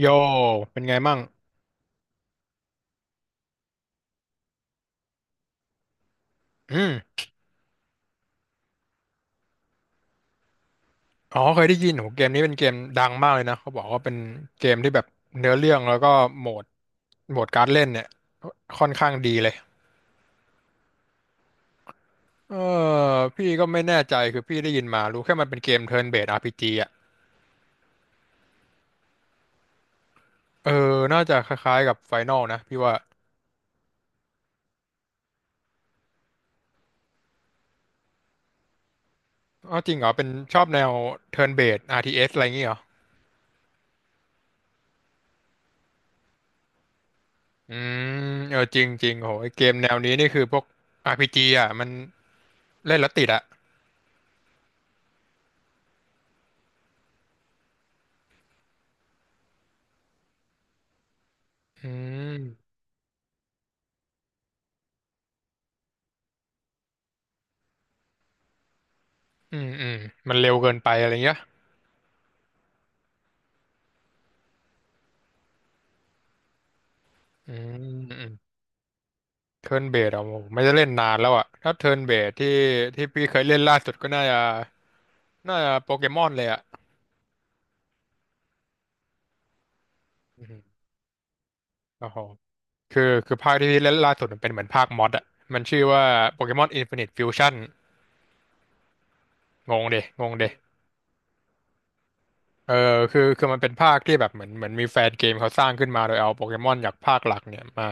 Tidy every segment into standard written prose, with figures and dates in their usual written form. โยเป็นไงมั่งอืมอ๋อเคยได้ยินโหเกมนี้เป็นเกมดังมากเลยนะเขาบอกว่าเป็นเกมที่แบบเนื้อเรื่องแล้วก็โหมดโหมดการเล่นเนี่ยค่อนข้างดีเลยเออพี่ก็ไม่แน่ใจคือพี่ได้ยินมารู้แค่มันเป็นเกม Turn Based RPG อ่ะเออน่าจะคล้ายๆกับ Final นะพี่ว่าอ๋อจริงเหรอเป็นชอบแนว Turn Based RTS อสอะไรอย่างงี้เหรออืเออจริงจริงโหไอ้เกมแนวนี้นี่คือพวกอาร์พีจีอ่ะมันเล่นแล้วติดอ่ะอืม อืมอืมมันเร็วเกินไปอะไรเงี้ยอืมอืมเทิร์นเบสอ่ะผมไม่ได้เล่นนานแล้วอ่ะถ้าเทิร์นเบสที่พี่เคยเล่นล่าสุดก็น่าจะโปเกมอนเลยอ่ะอืมโอ้โหคือภาคที่พี่เล่นล่าสุดมันเป็นเหมือนภาคมอดอ่ะมันชื่อว่าโปเกมอนอินฟินิตฟิวชั่นงงเดะงงเดะเออคือมันเป็นภาคที่แบบเหมือนมีแฟนเกมเขาสร้างขึ้นมาโดยเอาโปเกมอนจากภาคหลักเนี่ยมา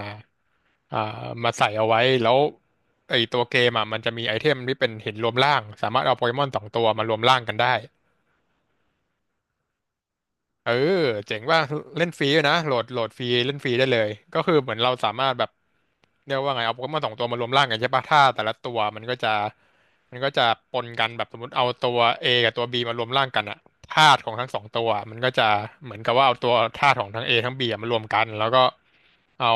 อ่ามาใส่เอาไว้แล้วไอตัวเกมอ่ะมันจะมีไอเทมที่เป็นหินรวมร่างสามารถเอาโปเกมอนสองตัวมารวมร่างกันได้ เออเจ๋งว่าเล่นฟรีด้วยนะโหลดฟรีเล่นฟรีได้เลยก็คือเหมือนเราสามารถแบบเรียกว่าไงเอาโปเกมอนสองตัวมารวมร่างกันใช่ปะถ้าแต่ละตัวมันก็จะปนกันแบบสมมติเอาตัว A กับตัว B มารวมร่างกันอะธาตุของทั้งสองตัวมันก็จะเหมือนกับว่าเอาตัวธาตุของทั้ง A ทั้ง B อะมารวมกันแล้วก็เอา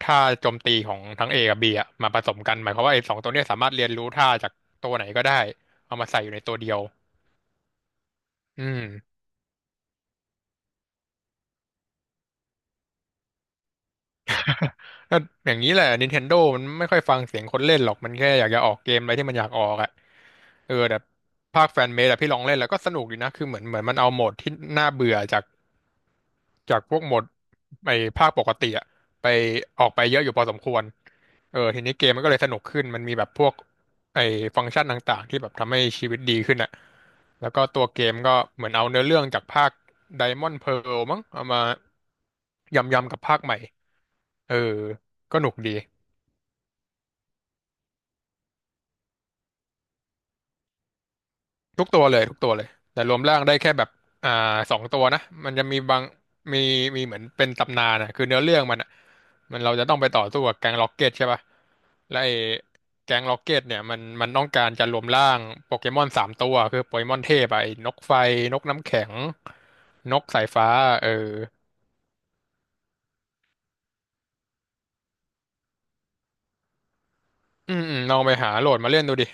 ท่าโจมตีของทั้ง A กับ B อะมาผสมกันหมายความว่าไอ้สองตัวเนี้ยสามารถเรียนรู้ท่าจากตัวไหนก็ได้เอามาใส่อยู่ในตัวเดียวอืม ก็อย่างนี้แหละ Nintendo มันไม่ค่อยฟังเสียงคนเล่นหรอก มันแค่อยากจะออกเกมอะไรที่มันอยากออกอ่ะเออแต่ภาคแฟนเมดอะพี่ลองเล่นแล้วก็สนุกดีนะ คือเหมือนมันเอาโหมดที่น่าเบื่อจากพวกโหมดไอ้ภาคปกติอะไปออกไปเยอะอยู่พอสมควรเออทีนี้เกมมันก็เลยสนุกขึ้น มันมีแบบพวกไอ้ฟังก์ชันต่างๆที่แบบทำให้ชีวิตดีขึ้นอะแล้วก็ตัวเกมก็เหมือนเอาเนื้อเรื่องจากภาค Diamond Pearl มั้งเอามายำๆกับภาคใหม่เออก็หนุกดี ทุกตัวเลยแต่รวมร่างได้แค่แบบอ่าสองตัวนะมันจะมีบางมีมีเหมือนเป็นตำนานอ่ะคือเนื้อเรื่องมันอ่ะมันเราจะต้องไปต่อสู้กับแก๊งล็อกเก็ตใช่ป่ะและไอ้แก๊งล็อกเก็ตเนี่ยมันต้องการจะรวมร่างโปเกมอนสามตัวคือโปเกมอนเทพอะไอ้นกไฟนกน้ำแข็งนกสายฟ้าเอออืมอืมลองไปหาโหลดมาเล่นดูดิ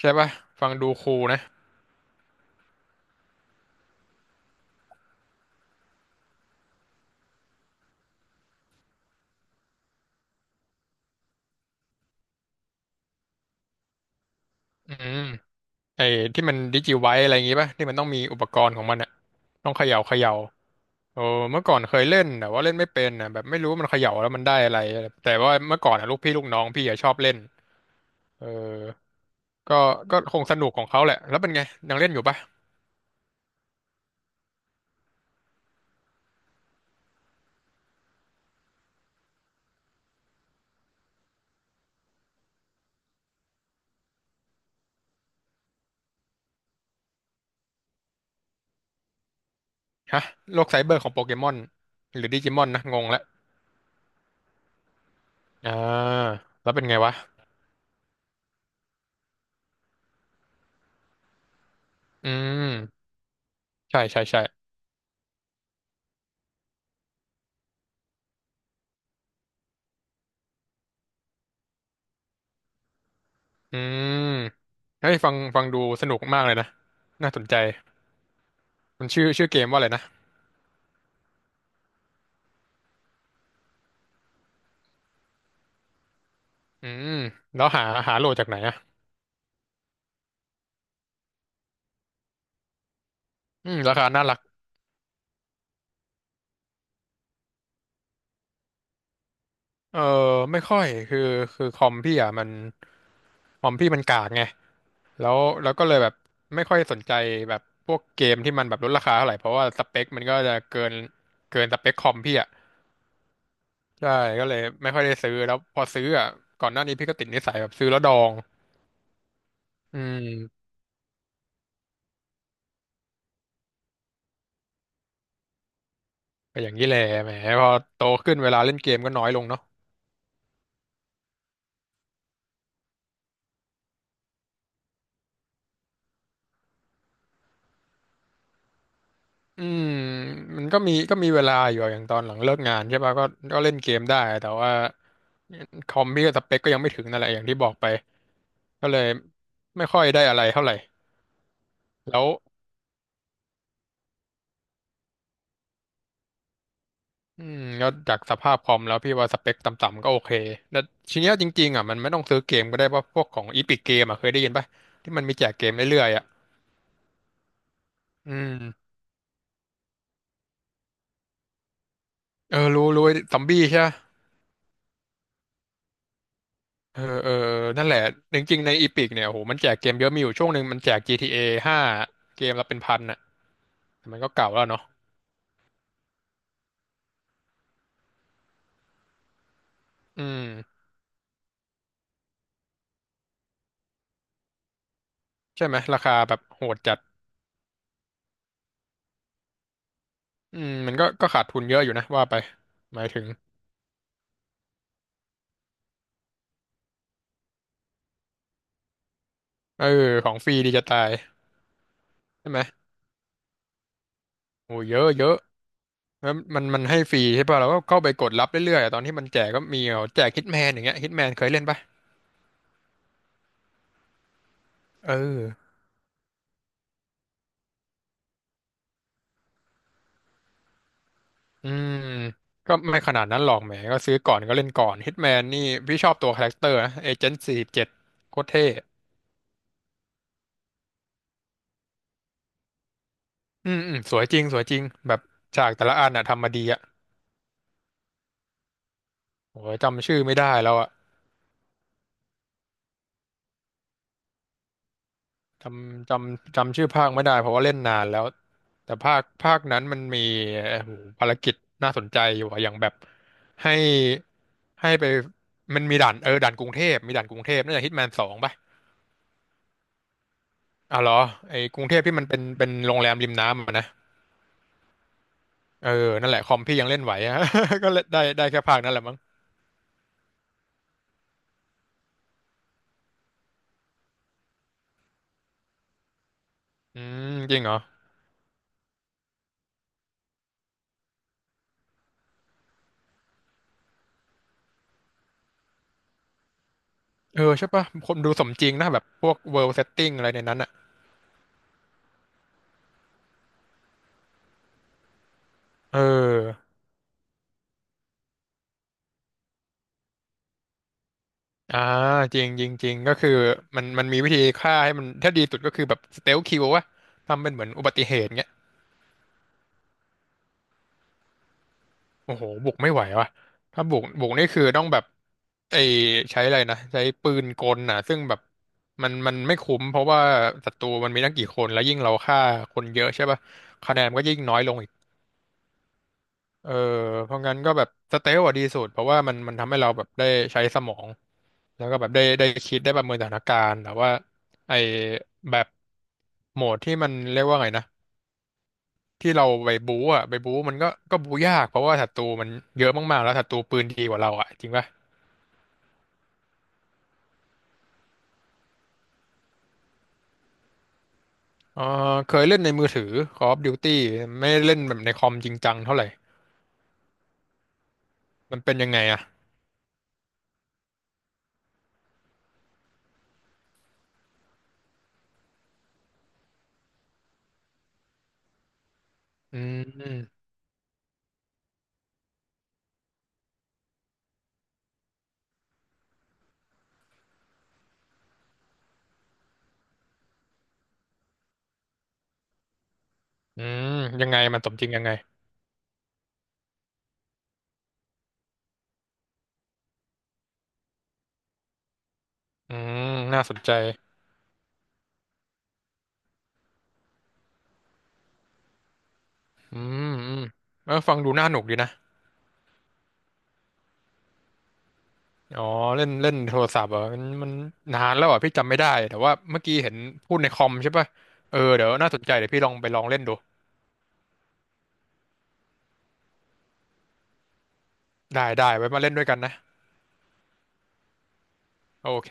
ใช่ป่ะฟังดูคูลนะอืมไอ้ที่มันดิจิไวอะไรอย่างงี้ป่ะที่มันต้องมีอุปกรณ์ของมันอ่ะต้องเขย่า โอ้เมื่อก่อนเคยเล่นแต่ว่าเล่นไม่เป็นนะแบบไม่รู้มันเขย่าแล้วมันได้อะไรแต่ว่าเมื่อก่อนอะลูกพี่ลูกน้องพี่อะชอบเล่นเออก็ก็คงสนุกของเขาแหละแล้วเป็นไงยังเล่นอยู่ปะฮะโลกไซเบอร์ของโปเกมอนหรือดิจิมอนนะงงละอ่าแล้วเป็นไงวะอืมใช่ใช่ใช่อืมเฮ้ยฟังดูสนุกมากเลยนะน่าสนใจมันชื่อเกมว่าอะไรนะอืมแล้วหาโหลดจากไหนอะอืมราคาน่ารักเออไม่ค่อยคือคอมพี่อ่ะมัน คอมพี่มันกากไงแล้วแล้วก็เลยแบบไม่ค่อยสนใจแบบพวกเกมที่มันแบบลดราคาเท่าไหร่เพราะว่าสเปคมันก็จะเกินสเปคคอมพี่อ่ะใช่ก็เลยไม่ค่อยได้ซื้อ แล้วพอซื้ออ่ะก่อนหน้านี้พี่ก็ติดนิสัยแบบซื้อแล้วดองอืมก็อย่างนี้แหละแหมพอโตขึ้นเวลาเล่นเกมก็น้อยลงเนาะอืมมันก็มีก็มีเวลาอยู่อะอย่างตอนหลังเลิกงานใช่ป่ะก็ก็เล่นเกมได้แต่ว่าคอมพี่ก็สเปคก็ยังไม่ถึงนั่นแหละอย่างที่บอกไปก็เลยไม่ค่อยได้อะไรเท่าไหร่แล้ว อืมแล้วจากสภาพคอมแล้วพี่ว่าสเปคต่ำๆก็โอเคแล้วทีเนี้ยจริงๆอ่ะมันไม่ต้องซื้อเกมก็ได้ว่าพวกของอีพิกเกมอ่ะเคยได้ยินป่ะที่มันมีแจกเกมเรื่อยๆอ่ะอืมเออรู้รู้ไอ้ซอมบี้ใช่ปะเออเออเออนั่นแหละจริงๆในอีพิกเนี่ยโอ้โหมันแจกเกมเยอะมีอยู่ช่วงหนึ่งมันแจก GTA 5เกมละเป็นพันอ่ะแต่มันก็เก่าแล้วเนาะอืมใช่ไหมราคาแบบโหดจัดอืมมันก็ขาดทุนเยอะอยู่นะว่าไปหมายถึงเออของฟรีดีจะตายใช่ไหมโอ้เยอะเยอะ แล้วมันให้ฟรีใช่ป่ะเราก็เข้าไปกดรับเรื่อยๆอะตอนที่มันแจกก็มีเอาแจกฮิตแมนอย่างเงี้ยฮิตแมนเคยเล่นป่ะเอออืมก็ไม่ขนาดนั้นหรอกแหมก็ซื้อก่อนก็เล่นก่อนฮิตแมนนี่พี่ชอบตัวคาแรคเตอร์นะเอเจนต์47โคตรเท่อืมอืมสวยจริงสวยจริงแบบฉากแต่ละอันน่ะทำมาดีอ่ะโอ้ยจำชื่อไม่ได้แล้วอ่ะ จำชื่อภาคไม่ได้เพราะว่าเล่นนานแล้วแต่ภาคนั้นมันมีเอ่อภารกิจน่าสนใจอยู่อะอย่างแบบให้ให้ไปมันมีด่านเออด่านกรุงเทพมีด่านกรุงเทพน่าจะฮิตแมน2ป่ะอ๋อเหรอไอ้กรุงเทพที่มันเป็นโรงแรมริมน้ำอะนะเออนั่นแหละคอมพี่ยังเล่นไหวอะ ก็เล่นได้ได้แค่ภาคนั้นแหละมั้งอืมจริงเหรอเออใช่ป่ะคนดูสมจริงนะแบบพวกเวิลด์เซตติ้งอะไรในนั้นอะเออ อ่าจริงจริงจริงก็คือมันมีวิธีฆ่าให้มันถ้าดีสุดก็คือแบบสเตลคิลวะทำเป็นเหมือนอุบัติเหตุเงี้ยโอ้โหบุกไม่ไหววะถ้าบุกนี่คือต้องแบบไอใช้อะไรนะใช้ปืนกลน่ะซึ่งแบบมันไม่คุ้มเพราะว่าศัตรูมันมีตั้งกี่คนแล้วยิ่งเราฆ่าคนเยอะใช่ป่ะคะแนนมันก็ยิ่งน้อยลงอีกเออเพราะงั้นก็แบบสเตลอะดีสุดเพราะว่ามันทำให้เราแบบได้ใช้สมองแล้วก็แบบได้คิดได้ประเมินสถานการณ์แต่ว่าไอ้แบบ โหมดที่มันเรียกว่าไงนะที่เราไปบู๊อ่ะไปบู๊มันก็บู๊ยากเพราะว่าศัตรูมันเยอะมากๆแล้วศัตรูปืนดีกว่าเราอ่ะจริงป่ะเออเคยเล่นในมือถือ Call of Duty ไม่ได้เล่นแบบในคอมจริงจังเท่าไหร่มันเป็นยังไงอ่ะอืมอืมยังไงมันสมจริงยังไงอืมน่าสนใจอืมอืมเออฟังดูน่าหนุกดีนะอ๋อเล่นเล่นโทรศัพท์เหรอ่ะมันมันนานแล้วอ่ะพี่จำไม่ได้แต่ว่าเมื่อกี้เห็นพูดในคอมใช่ป่ะเออเดี๋ยวน่าสนใจเดี๋ยวพี่ลองไปลองเล่นดูได้ไว้มาเล่นด้วยกันนะ โอเค